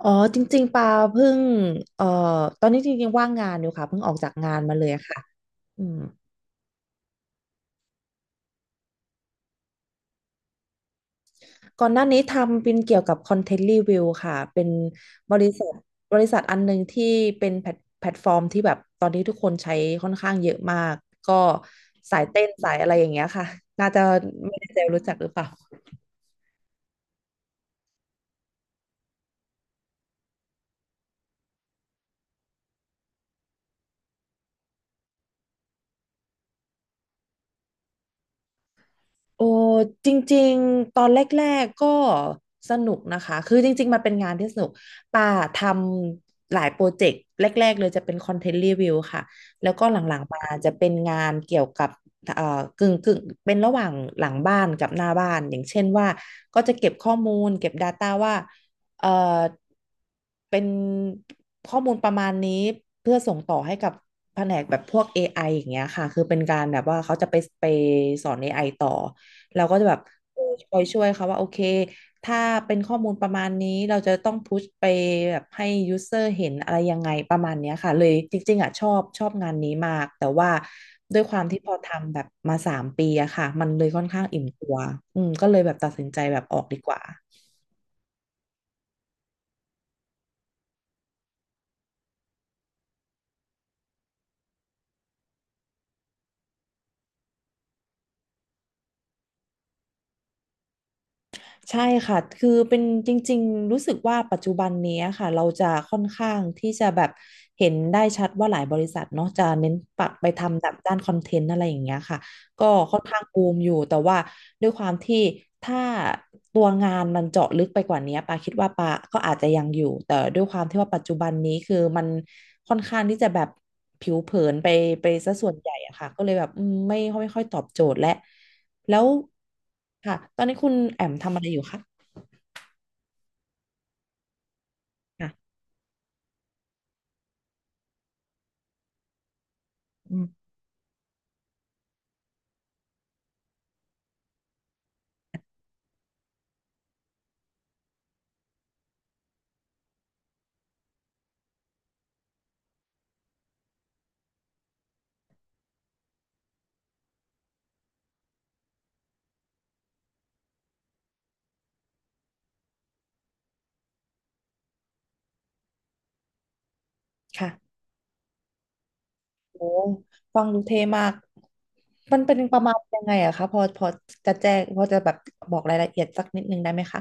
อ๋อจริงๆปาเพิ่งเอ่อตอนนี้จริงๆว่างงานอยู่ค่ะเพิ่งออกจากงานมาเลยค่ะอืมก่อนหน้านี้ทำเป็นเกี่ยวกับคอนเทนต์รีวิวค่ะเป็นบริษัทบริษัทอันหนึ่งที่เป็นแพลตฟอร์มที่แบบตอนนี้ทุกคนใช้ค่อนข้างเยอะมากก็สายเต้นสายอะไรอย่างเงี้ยค่ะน่าจะไม่แน่ใจรู้จักหรือเปล่า โอ้จริงๆตอนแรกๆก็สนุกนะคะคือจริงๆมันเป็นงานที่สนุกป่าทำหลายโปรเจกต์แรกๆเลยจะเป็นคอนเทนต์รีวิวค่ะแล้วก็หลังๆมาจะเป็นงานเกี่ยวกับเอ่อกึ่งกึ่งเป็นระหว่างหลังบ้านกับหน้าบ้านอย่างเช่นว่าก็จะเก็บข้อมูลเก็บ Data ว่าเอ่อเป็นข้อมูลประมาณนี้เพื่อส่งต่อให้กับแผนกแบบพวก AI อไออย่างเงี้ยค่ะคือเป็นการแบบว่าเขาจะไปไปสอนเอไอต่อ เราก็จะแบบคอยช่วยเขาว่าโอเคถ้าเป็นข้อมูลประมาณนี้เราจะต้องพุชไปแบบให้ยูเซอร์เห็นอะไรยังไงประมาณเนี้ยค่ะเลยจริงๆอ่ะชอบชอบงานนี้มากแต่ว่าด้วยความที่พอทำแบบมาสามปีอะค่ะมันเลยค่อนข้างอิ่มตัวอืมก็เลยแบบตัดสินใจแบบออกดีกว่าใช่ค่ะคือเป็นจริงๆรู้สึกว่าปัจจุบันนี้ค่ะเราจะค่อนข้างที่จะแบบเห็นได้ชัดว่าหลายบริษัทเนาะจะเน้นปักไปทำแบบด้านคอนเทนต์อะไรอย่างเงี้ยค่ะ ก็ค่อนข้างบูมอยู่แต่ว่าด้วยความที่ถ้าตัวงานมันเจาะลึกไปกว่านี้ปาคิดว่าปาก็อาจจะยังอยู่แต่ด้วยความที่ว่าปัจจุบันนี้คือมันค่อนข้างที่จะแบบผิวเผินไปไปซะส่วนใหญ่อะค่ะก็เลยแบบอืมไม่ค่อยตอบโจทย์และแล้วค่ะตอนนี้คุณแอมทำอะไรอยู่คะอ่ะอืมค่ะโอ้ฟังดูเท่มากมันเป็นประมาณยังไงอะคะพอพอจะแจ้งพอจะแบบบอกรายละเอียดสักนิดนึงได้ไหมคะ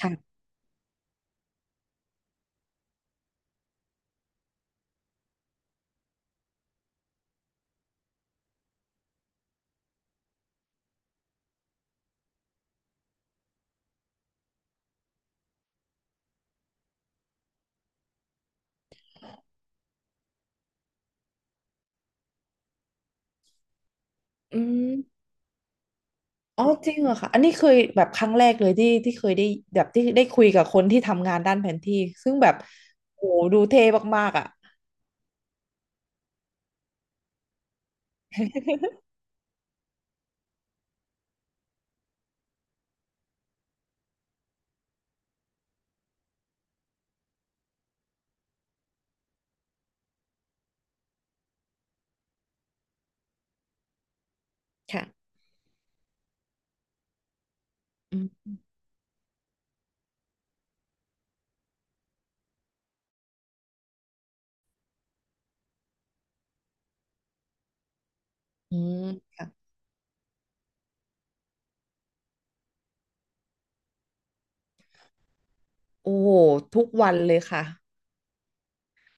ค่ะอืม อ๋อจริงเหรอคะอันนี้เคยแบบครั้งแรกเลยที่ที่เคยได้แบบที่ได้คุยกับคนที่ทำงานด้านแผนที่ซึ่งแบบโอ้โหดูเท่มากๆอ่ะค่ะอืมอืมค่ะโอ้โหทุกวันเลยค่ะ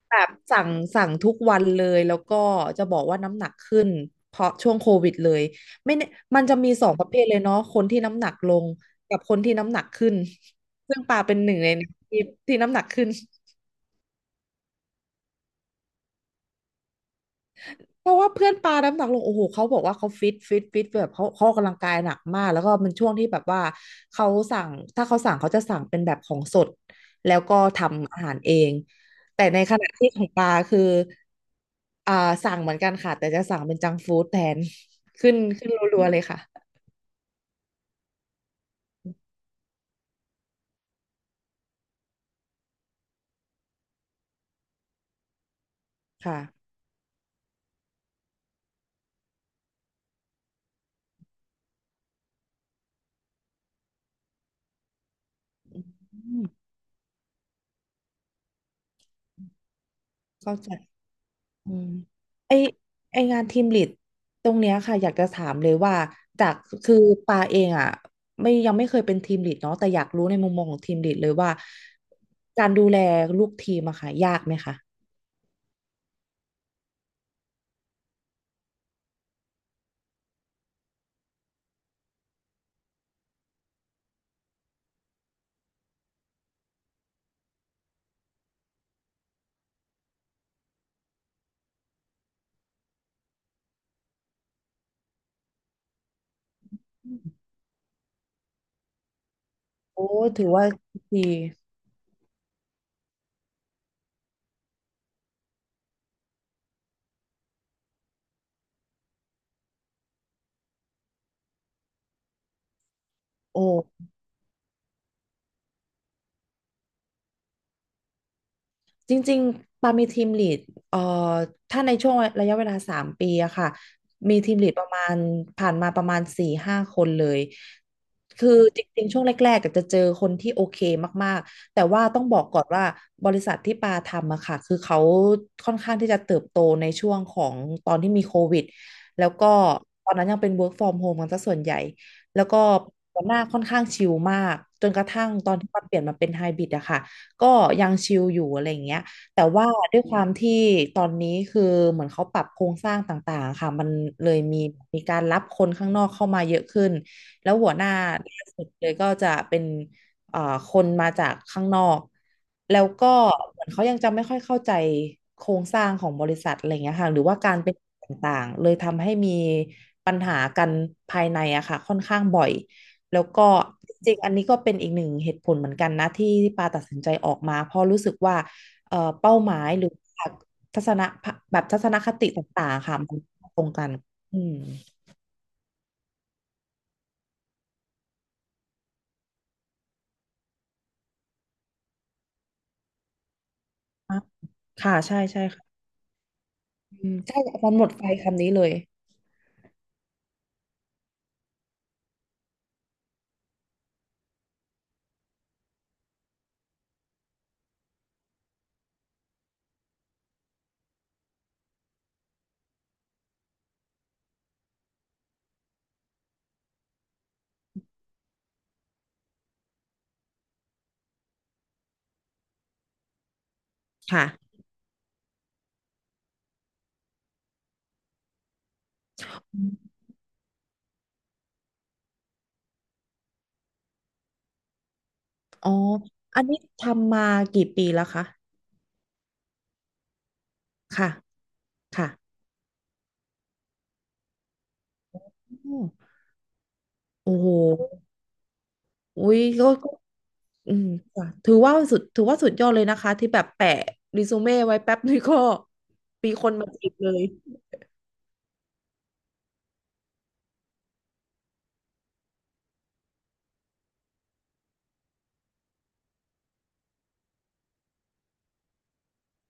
แบบสั่งสั่งทุกวันเลยแล้วก็จะบอกว่าน้ำหนักขึ้นเพราะช่วงโควิดเลยไม่แน่มันจะมีสองประเภทเลยเนาะคนที่น้ำหนักลงกับคนที่น้ำหนักขึ้นซึ่งปาเป็นหนึ่งในที่ที่น้ำหนักขึ้น เพราะว่าเพื่อนปาน้ำหนักลงโอ้โหเขาบอกว่าเขาฟิตฟิตฟิตแบบเขาออกกำลังกายหนักมากแล้วก็มันช่วงที่แบบว่าเขาสั่งถ้าเขาสั่งเขาจะสั่งเป็นแบบของสดแล้วก็ทำอาหารเองแต่ในขณะที่ของปาคืออ่าสั่งเหมือนกันค่ะแต่จะสั่งเป็นจังก์ฟู้ดแทน ขึ้นขึ้นรัวๆเลยค่ะค่ะอืมเข้าใจ อืมไอไองานทีมลีดตรงเนี้ยค่ะอยากจะถามเลยว่าจากคือปาเองอ่ะไม่ยังไม่เคยเป็นทีมลีดเนาะแต่อยากรู้ในมุมมองของทีมลีดเลยว่าการดูแลลูกทีมอะค่ะยากไหมคะโอ้ถือว่าดีโอ้ จริงๆปามีทีมลีดเอ่อถ้าในช่วงระยะเวลาสามปีอะค่ะมีทีมลีดประมาณผ่านมาประมาณสี่ห้าคนเลยคือจริงๆช่วงแรกๆก็จะเจอคนที่โอเคมากๆแต่ว่าต้องบอกก่อนว่าบริษัทที่ปาทำอะค่ะคือเขาค่อนข้างที่จะเติบโตในช่วงของตอนที่มีโควิดแล้วก็ตอนนั้นยังเป็น work from home กันซะส่วนใหญ่แล้วก็หัวหน้าค่อนข้างชิลมากจนกระทั่งตอนที่มันเปลี่ยนมาเป็นไฮบริดอะค่ะ ก็ยังชิลอยู่อะไรอย่างเงี้ยแต่ว่าด้วยความที่ตอนนี้คือเหมือนเขาปรับโครงสร้างต่างๆค่ะมันเลยมีการรับคนข้างนอกเข้ามาเยอะขึ้นแล้วหัวหน้าล่าสุดเลยก็จะเป็นเอ่อคนมาจากข้างนอกแล้วก็เหมือนเขายังจะไม่ค่อยเข้าใจโครงสร้างของบริษัทอะไรเงี้ยค่ะหรือว่าการเป็นต่างๆเลยทำให้มีปัญหากันภายในอะค่ะค่อนข้างบ่อย แล้วก็จริงๆอันนี้ก็เป็นอีกหนึ่งเหตุผลเหมือนกันนะที่ปาตัดสินใจออกมาเพราะรู้สึกว่าเป้าหมายหรือทัศนะแบบทัศนคติต่างๆค่ะมันตรงกันอืมอ่ะค่ะใช่ใช่ค่ะอืมใช่มันหมดไฟคำนี้เลยค่ะอืมอ๋ออันนี้ทำมากี่ปีแล้วคะค่ะค่ะโอ้โหอุ้ยก็ อืมค่ะถือว่าสุดถือว่าสุดยอดเลยนะคะที่แบบแปะรีซูเม่ไว้แป๊บนึงก็มีคนมาจีบเลย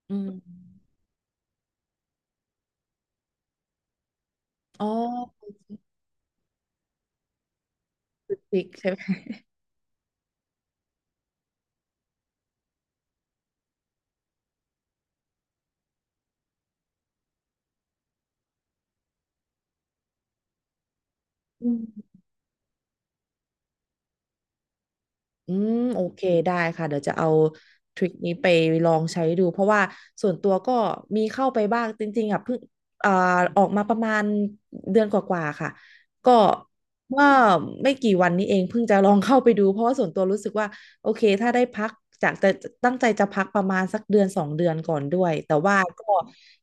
อืมอ๋อติดใช่ไหมอืม อืมโอเคได้ค่ะเดี๋ยวจะเอาทริคนี้ไปลองใช้ดูเพราะว่าส่วนตัวก็มีเข้าไปบ้างจริงๆอ่ะเพิ่งอ่าออกมาประมาณเดือนกว่าๆค่ะก็เมื่อไม่กี่วันนี้เองเพิ่งจะลองเข้าไปดูเพราะว่าส่วนตัวรู้สึกว่าโอเคถ้าได้พักจากแต่ตั้งใจจะพักประมาณสักเดือนสองเดือนก่อนด้วยแต่ว่าก็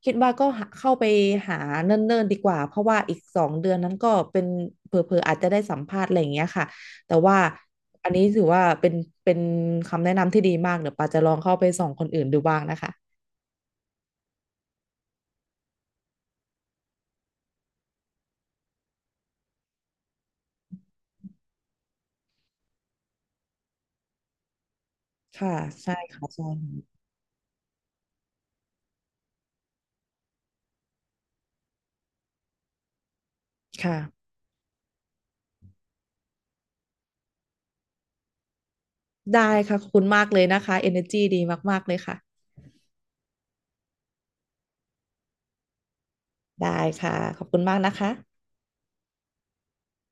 คิดว่าก็หาเข้าไปหาเนิ่นๆดีกว่าเพราะว่าอีกสองเดือนนั้นก็เป็นเผลอๆอาจจะได้สัมภาษณ์อะไรอย่างเงี้ยค่ะ แต่ว่าอันนี้ถือว่าเป็นเป็นคำแนะนำที่ดีมากเดี๋ยวปาจะลองเข้าไปส่องคนอื่นดูบ้างนะคะค่ะใช่ค่ะใช่ค่ะได้ค่ะขอบคุณมากเลยนะคะเอ e r จีดีมากๆเลยค่ะได้ค่ะขอบคุณมากนะคะ